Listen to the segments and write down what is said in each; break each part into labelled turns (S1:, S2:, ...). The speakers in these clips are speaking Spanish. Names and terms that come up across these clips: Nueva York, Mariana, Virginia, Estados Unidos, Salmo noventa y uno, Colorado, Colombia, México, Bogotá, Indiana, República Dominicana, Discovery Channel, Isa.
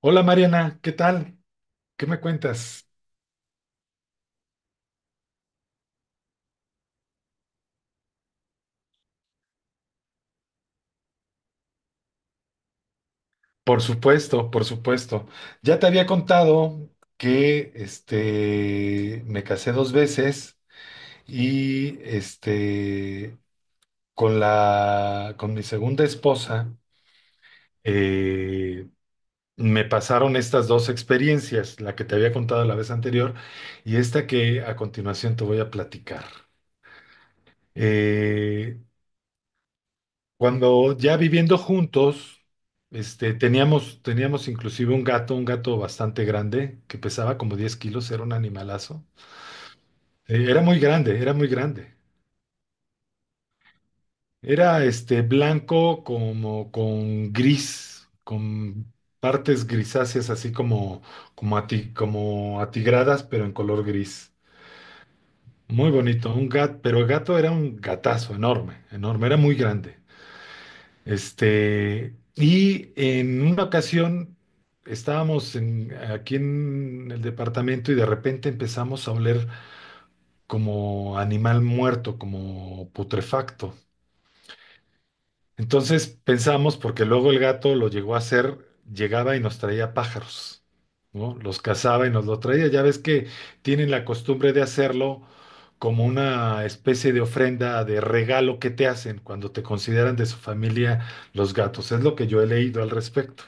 S1: Hola Mariana, ¿qué tal? ¿Qué me cuentas? Por supuesto, por supuesto. Ya te había contado que me casé dos veces y con mi segunda esposa, eh, me pasaron estas dos experiencias, la que te había contado la vez anterior y esta que a continuación te voy a platicar. Eh, Cuando ya viviendo juntos, teníamos inclusive un gato bastante grande, que pesaba como 10 kilos, era un animalazo. Era muy grande, era muy grande. Era blanco como con gris, con partes grisáceas así como atigradas, pero en color gris. Muy bonito, un gato, pero el gato era un gatazo enorme, enorme, era muy grande. Y en una ocasión estábamos aquí en el departamento y de repente empezamos a oler como animal muerto, como putrefacto. Entonces pensamos, porque luego el gato lo llegó a hacer, llegaba y nos traía pájaros, ¿no? Los cazaba y nos lo traía. Ya ves que tienen la costumbre de hacerlo como una especie de ofrenda, de regalo que te hacen cuando te consideran de su familia los gatos. Es lo que yo he leído al respecto.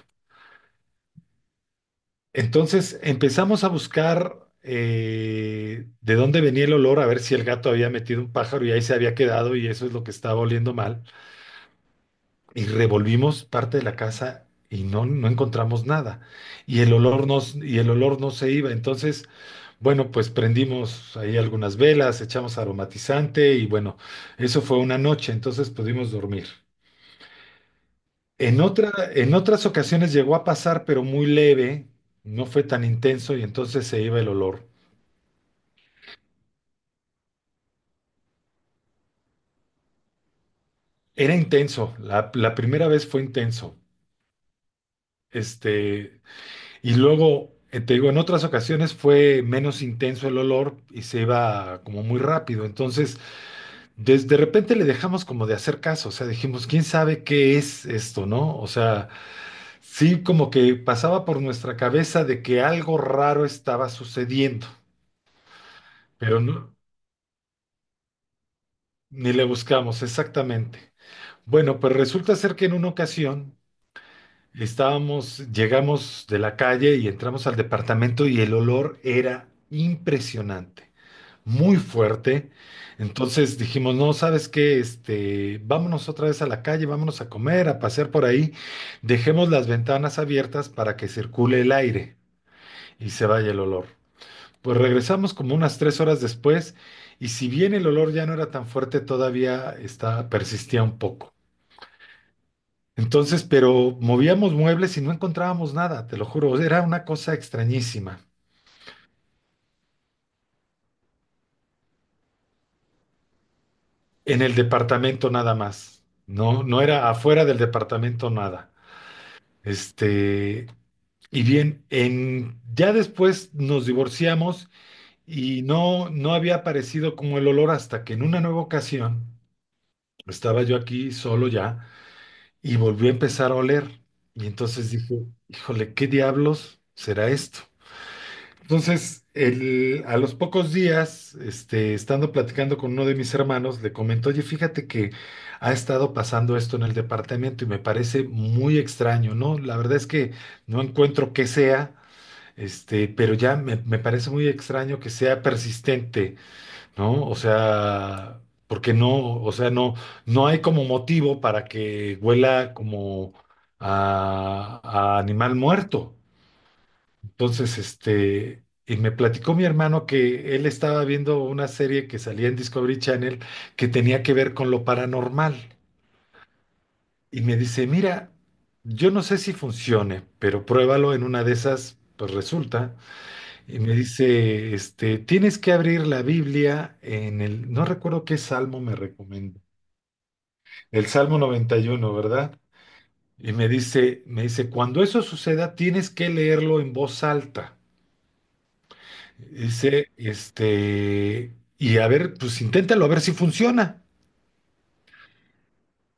S1: Entonces empezamos a buscar, de dónde venía el olor, a ver si el gato había metido un pájaro y ahí se había quedado y eso es lo que estaba oliendo mal. Y revolvimos parte de la casa y no encontramos nada. Y el olor no, y el olor no se iba. Entonces, bueno, pues prendimos ahí algunas velas, echamos aromatizante y bueno, eso fue una noche, entonces pudimos dormir. En otras ocasiones llegó a pasar, pero muy leve, no fue tan intenso y entonces se iba el olor. Era intenso, la primera vez fue intenso. Este, Y luego, te digo, en otras ocasiones fue menos intenso el olor y se iba como muy rápido. Entonces, desde de repente le dejamos como de hacer caso. O sea, dijimos, ¿quién sabe qué es esto, no? O sea, sí como que pasaba por nuestra cabeza de que algo raro estaba sucediendo, pero no, ni le buscamos exactamente. Bueno, pues resulta ser que en una ocasión estábamos, llegamos de la calle y entramos al departamento y el olor era impresionante, muy fuerte. Entonces dijimos, no, ¿sabes qué? Vámonos otra vez a la calle, vámonos a comer, a pasear por ahí, dejemos las ventanas abiertas para que circule el aire y se vaya el olor. Pues regresamos como unas 3 horas después y si bien el olor ya no era tan fuerte, todavía está, persistía un poco. Entonces, pero movíamos muebles y no encontrábamos nada, te lo juro, era una cosa extrañísima. En el departamento nada más. No, no era afuera del departamento nada. Este, y bien, ya después nos divorciamos y no, no había aparecido como el olor hasta que en una nueva ocasión estaba yo aquí solo ya y volvió a empezar a oler. Y entonces dije, híjole, ¿qué diablos será esto? Entonces, a los pocos días, estando platicando con uno de mis hermanos, le comentó, oye, fíjate que ha estado pasando esto en el departamento y me parece muy extraño, ¿no? La verdad es que no encuentro qué sea, pero ya me parece muy extraño que sea persistente, ¿no? O sea, porque no, o sea, no, no hay como motivo para que huela como a animal muerto. Entonces, y me platicó mi hermano que él estaba viendo una serie que salía en Discovery Channel que tenía que ver con lo paranormal. Y me dice, mira, yo no sé si funcione, pero pruébalo en una de esas, pues resulta. Y me dice, tienes que abrir la Biblia en el, no recuerdo qué salmo me recomienda, el Salmo 91, ¿verdad? Y me dice, cuando eso suceda, tienes que leerlo en voz alta. Y a ver, pues inténtalo, a ver si funciona.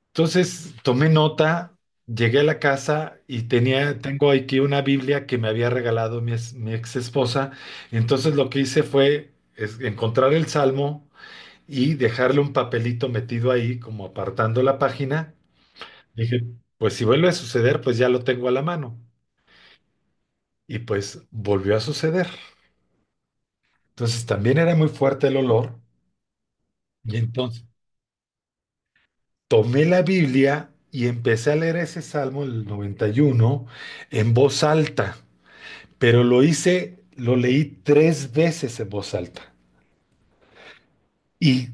S1: Entonces tomé nota, llegué a la casa y tenía, tengo aquí una Biblia que me había regalado mi ex esposa. Entonces lo que hice fue es encontrar el salmo y dejarle un papelito metido ahí, como apartando la página. Dije, pues si vuelve a suceder, pues ya lo tengo a la mano. Y pues volvió a suceder. Entonces también era muy fuerte el olor. Y entonces tomé la Biblia y empecé a leer ese Salmo, el 91 en voz alta, pero lo hice, lo leí tres veces en voz alta. Y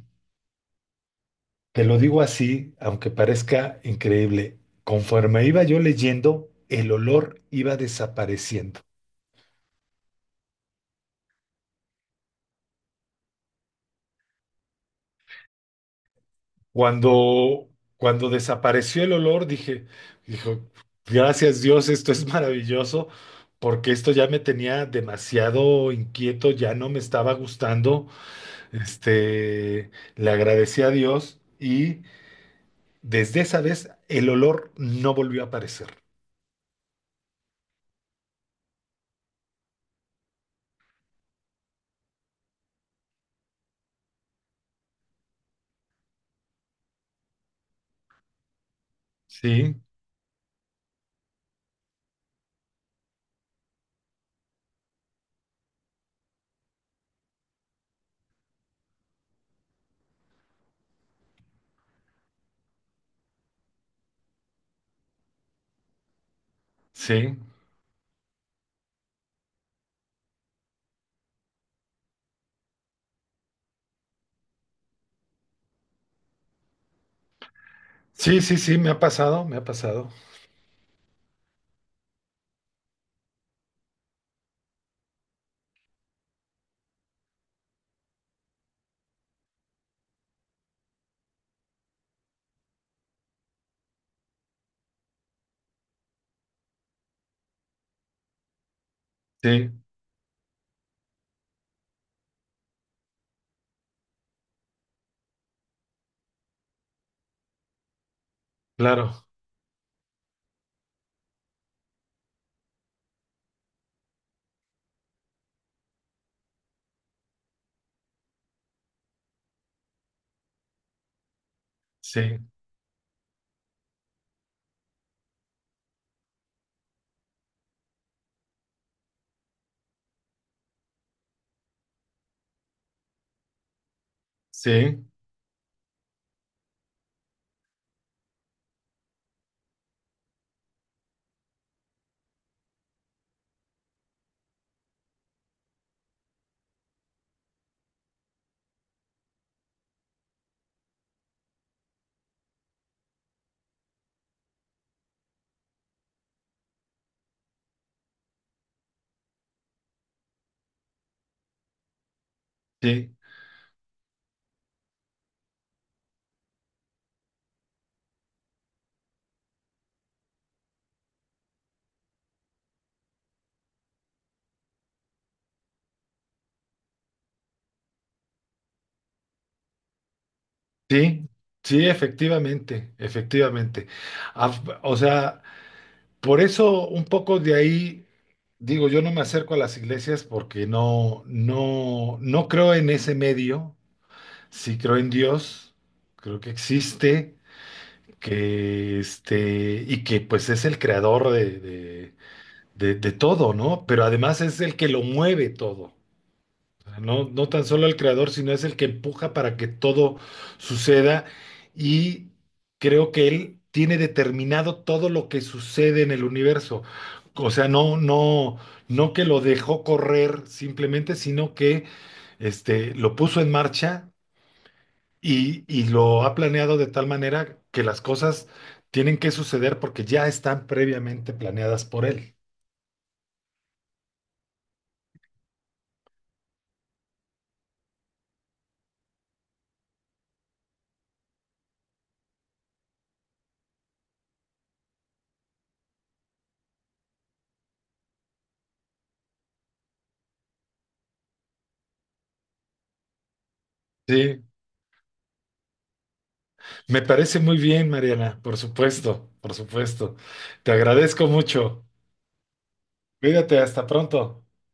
S1: te lo digo así, aunque parezca increíble, conforme iba yo leyendo, el olor iba desapareciendo. Cuando, cuando desapareció el olor, dije, dijo, gracias Dios, esto es maravilloso, porque esto ya me tenía demasiado inquieto, ya no me estaba gustando. Este, Le agradecí a Dios y desde esa vez el olor no volvió a aparecer. Sí, sí, sí, sí, sí, me ha pasado, me ha pasado. Sí, claro, sí, sí, sí, sí, sí, efectivamente, efectivamente. O sea, por eso un poco de ahí digo, yo no me acerco a las iglesias porque no creo en ese medio, sí creo en Dios, creo que existe, que y que pues es el creador de todo, ¿no? Pero además es el que lo mueve todo. O sea, no, no tan solo el creador, sino es el que empuja para que todo suceda. Y creo que él tiene determinado todo lo que sucede en el universo. O sea, no, no que lo dejó correr simplemente, sino que lo puso en marcha y lo ha planeado de tal manera que las cosas tienen que suceder porque ya están previamente planeadas por él. Sí, me parece muy bien, Mariana, por supuesto, por supuesto. Te agradezco mucho. Cuídate, hasta pronto.